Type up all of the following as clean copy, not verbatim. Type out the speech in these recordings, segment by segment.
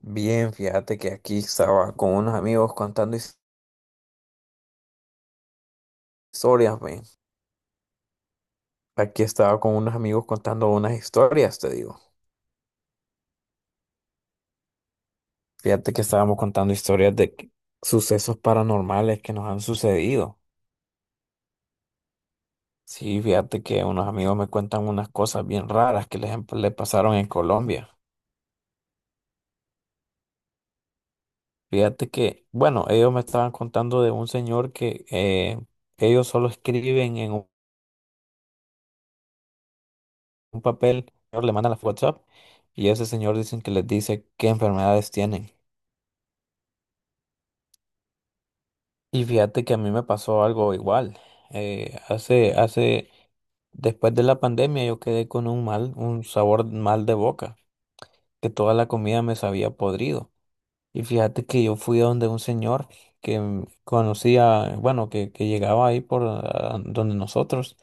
Bien, fíjate que aquí estaba con unos amigos contando historias, men. Aquí estaba con unos amigos contando unas historias, te digo. Fíjate que estábamos contando historias sucesos paranormales que nos han sucedido. Sí, fíjate que unos amigos me cuentan unas cosas bien raras que le pasaron en Colombia. Fíjate que, bueno, ellos me estaban contando de un señor que ellos solo escriben en un papel, le mandan a WhatsApp y ese señor dicen que les dice qué enfermedades tienen. Y fíjate que a mí me pasó algo igual. Eh, hace, hace, Después de la pandemia yo quedé con un mal, un sabor mal de boca, que toda la comida me sabía podrido. Y fíjate que yo fui a donde un señor que conocía, bueno, que llegaba ahí por donde nosotros,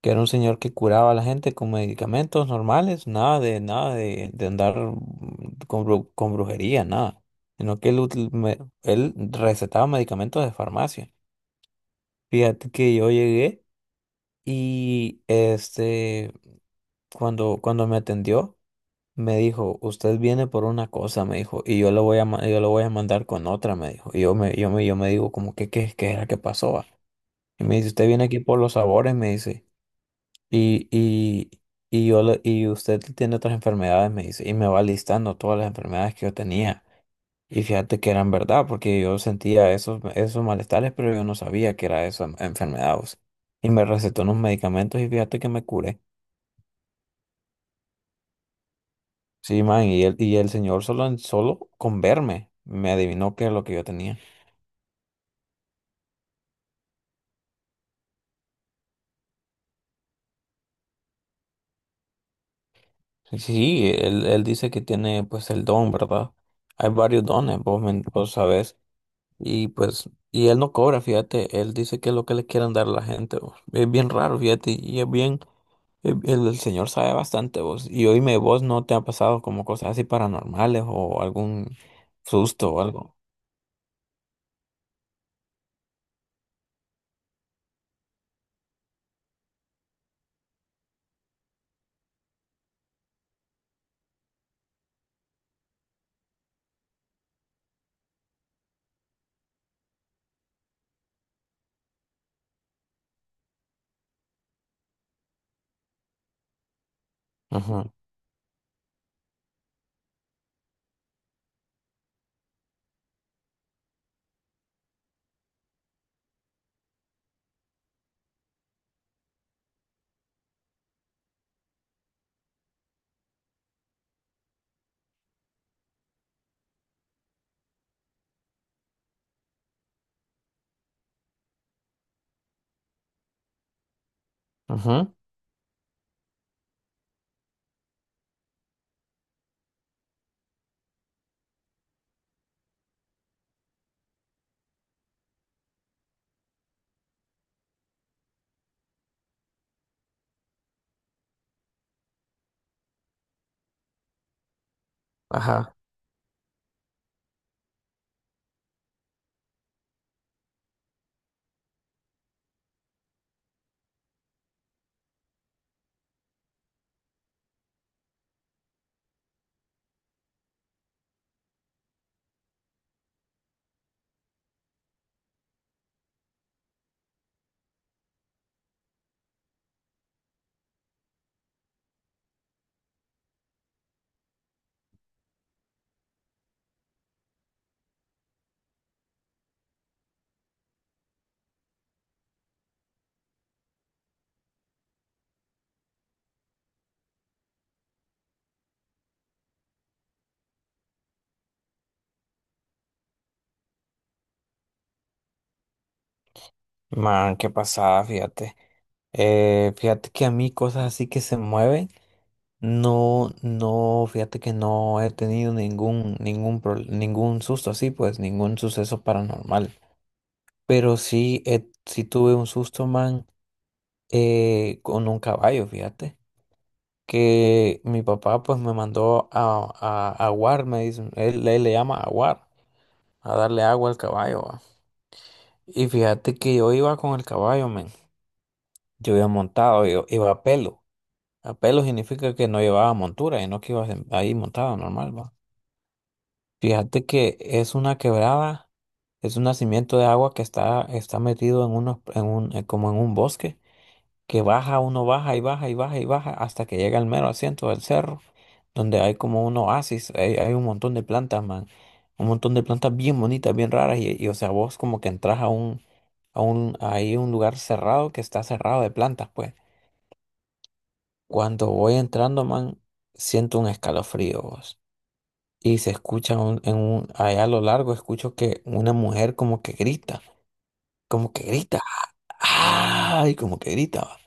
que era un señor que curaba a la gente con medicamentos normales, nada de andar con brujería, nada. Sino que él recetaba medicamentos de farmacia. Fíjate que yo llegué y cuando me atendió, me dijo, usted viene por una cosa, me dijo, y yo lo voy a, ma- yo lo voy a mandar con otra, me dijo. Y yo me digo, como, ¿qué era que pasó, va? Y me dice, usted viene aquí por los sabores, me dice. Y, y, y y usted tiene otras enfermedades, me dice. Y me va listando todas las enfermedades que yo tenía. Y fíjate que eran verdad, porque yo sentía esos malestares, pero yo no sabía que era esa enfermedad, o sea. Y me recetó unos medicamentos y fíjate que me curé. Sí, man, y el señor, solo, solo con verme me adivinó qué es lo que yo tenía. Sí, sí, él dice que tiene pues el don, ¿verdad? Hay varios dones, vos, vos sabés. Y pues, y él no cobra, fíjate, él dice que es lo que le quieren dar a la gente, vos. Es bien raro, fíjate, y es bien, el señor sabe bastante, vos. Y oíme, vos, no te ha pasado como cosas así paranormales o algún susto o algo. Ajá, ajá, ajá. Man, qué pasada, fíjate. Fíjate que a mí cosas así que se mueven, no, no, fíjate que no he tenido ningún susto así, pues, ningún suceso paranormal. Pero sí, sí tuve un susto, man, con un caballo, fíjate. Que mi papá pues me mandó a, aguar, me dice, él le llama aguar, a darle agua al caballo, va. Y fíjate que yo iba con el caballo, men. Yo iba montado, yo iba a pelo. A pelo significa que no llevaba montura, y no que ibas ahí montado normal, va. Fíjate que es una quebrada, es un nacimiento de agua que está metido en unos, en un, como en un bosque. Que baja, uno baja y baja y baja y baja hasta que llega al mero asiento del cerro, donde hay como un oasis, hay un montón de plantas, man, un montón de plantas bien bonitas, bien raras, y, o sea, vos como que entras a un lugar cerrado, que está cerrado de plantas, pues. Cuando voy entrando, man, siento un escalofrío, vos. Y se escucha allá a lo largo, escucho que una mujer como que grita, ¡ay! Como que grita.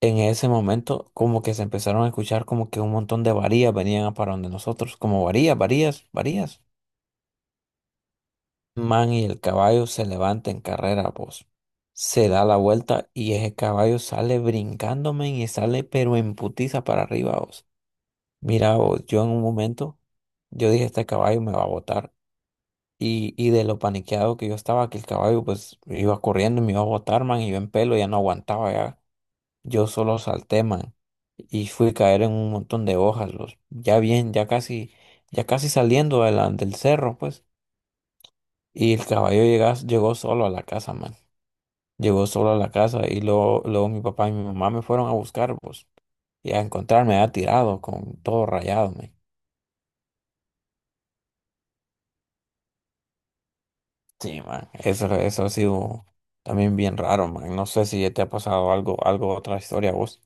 En ese momento, como que se empezaron a escuchar como que un montón de varías venían a para donde nosotros, como varías, varías, varías. Man, y el caballo se levanta en carrera, vos. Se da la vuelta y ese caballo sale brincándome y sale pero en putiza para arriba, vos. Mira, vos, yo en un momento, yo dije, este caballo me va a botar. Y de lo paniqueado que yo estaba, que el caballo pues iba corriendo y me iba a botar, man, y yo en pelo ya no aguantaba ya. Yo solo salté, man, y fui a caer en un montón de hojas, los, ya bien, ya casi saliendo de del cerro, pues. Y el caballo llegó solo a la casa, man. Llegó solo a la casa y luego mi papá y mi mamá me fueron a buscar, pues, y a encontrarme ha tirado con todo rayado, man. Sí, man, eso ha sido también bien raro, man. No sé si te ha pasado otra historia a vos.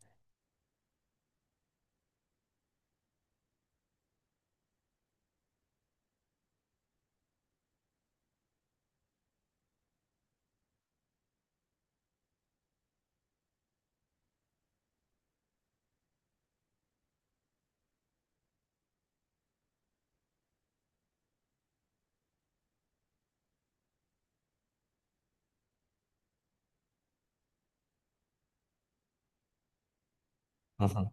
Ujú.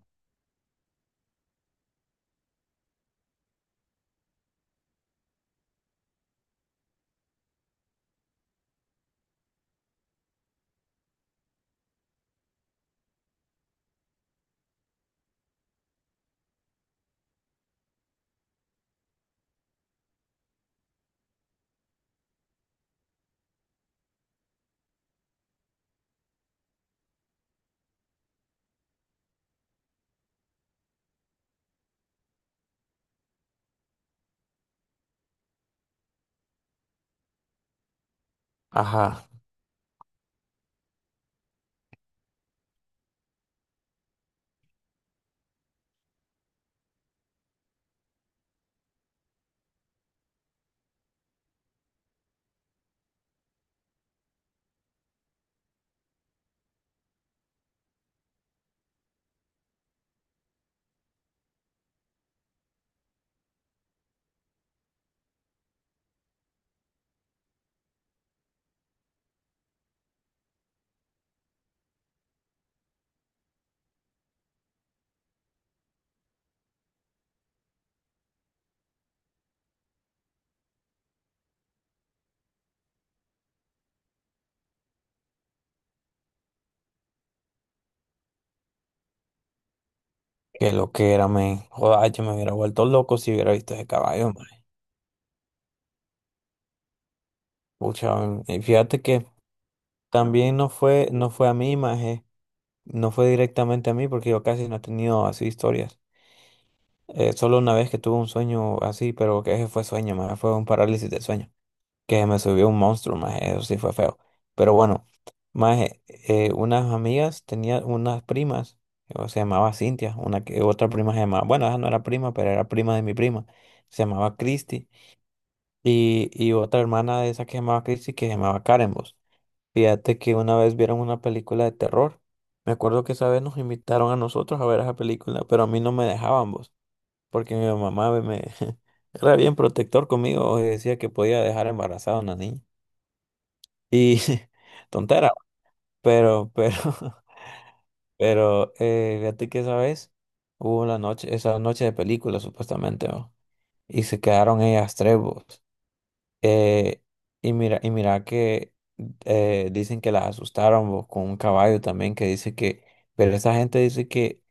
Ajá, que lo que era, man? Joder, yo me hubiera vuelto loco si hubiera visto ese caballo. Pucha, y fíjate que también no fue a mí, maje, no fue directamente a mí porque yo casi no he tenido así historias. Solo una vez que tuve un sueño así, pero que ese fue sueño, maje, fue un parálisis de sueño, que me subió un monstruo, maje, eso sí fue feo. Pero bueno, maje, unas amigas, tenía unas primas, o se llamaba Cintia, una que otra prima se llamaba, bueno, esa no era prima, pero era prima de mi prima, se llamaba Christy, y otra hermana de esa que se llamaba Christy que se llamaba Karen, vos. Fíjate que una vez vieron una película de terror. Me acuerdo que esa vez nos invitaron a nosotros a ver esa película, pero a mí no me dejaban, vos, porque mi mamá era bien protector conmigo, y decía que podía dejar embarazada a una niña. Y tontera, pero, pero, pero, fíjate que esa vez hubo una noche, esa noche de película supuestamente, ¿no? Y se quedaron ellas tres, vos. Eh, y mira, que dicen que la asustaron, vos, con un caballo también, que dice que, pero esa gente dice que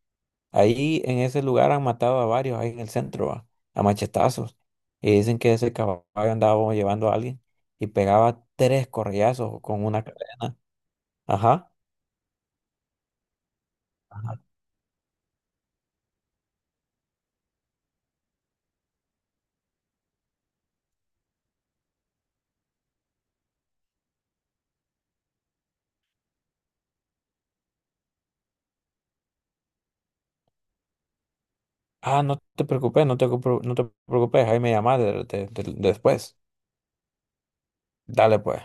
ahí en ese lugar han matado a varios, ahí en el centro, va, a machetazos. Y dicen que ese caballo andaba llevando a alguien y pegaba tres correazos con una cadena. Ajá. Ajá. Ah, no te preocupes, no te preocupes, ahí me llamás después. Dale pues.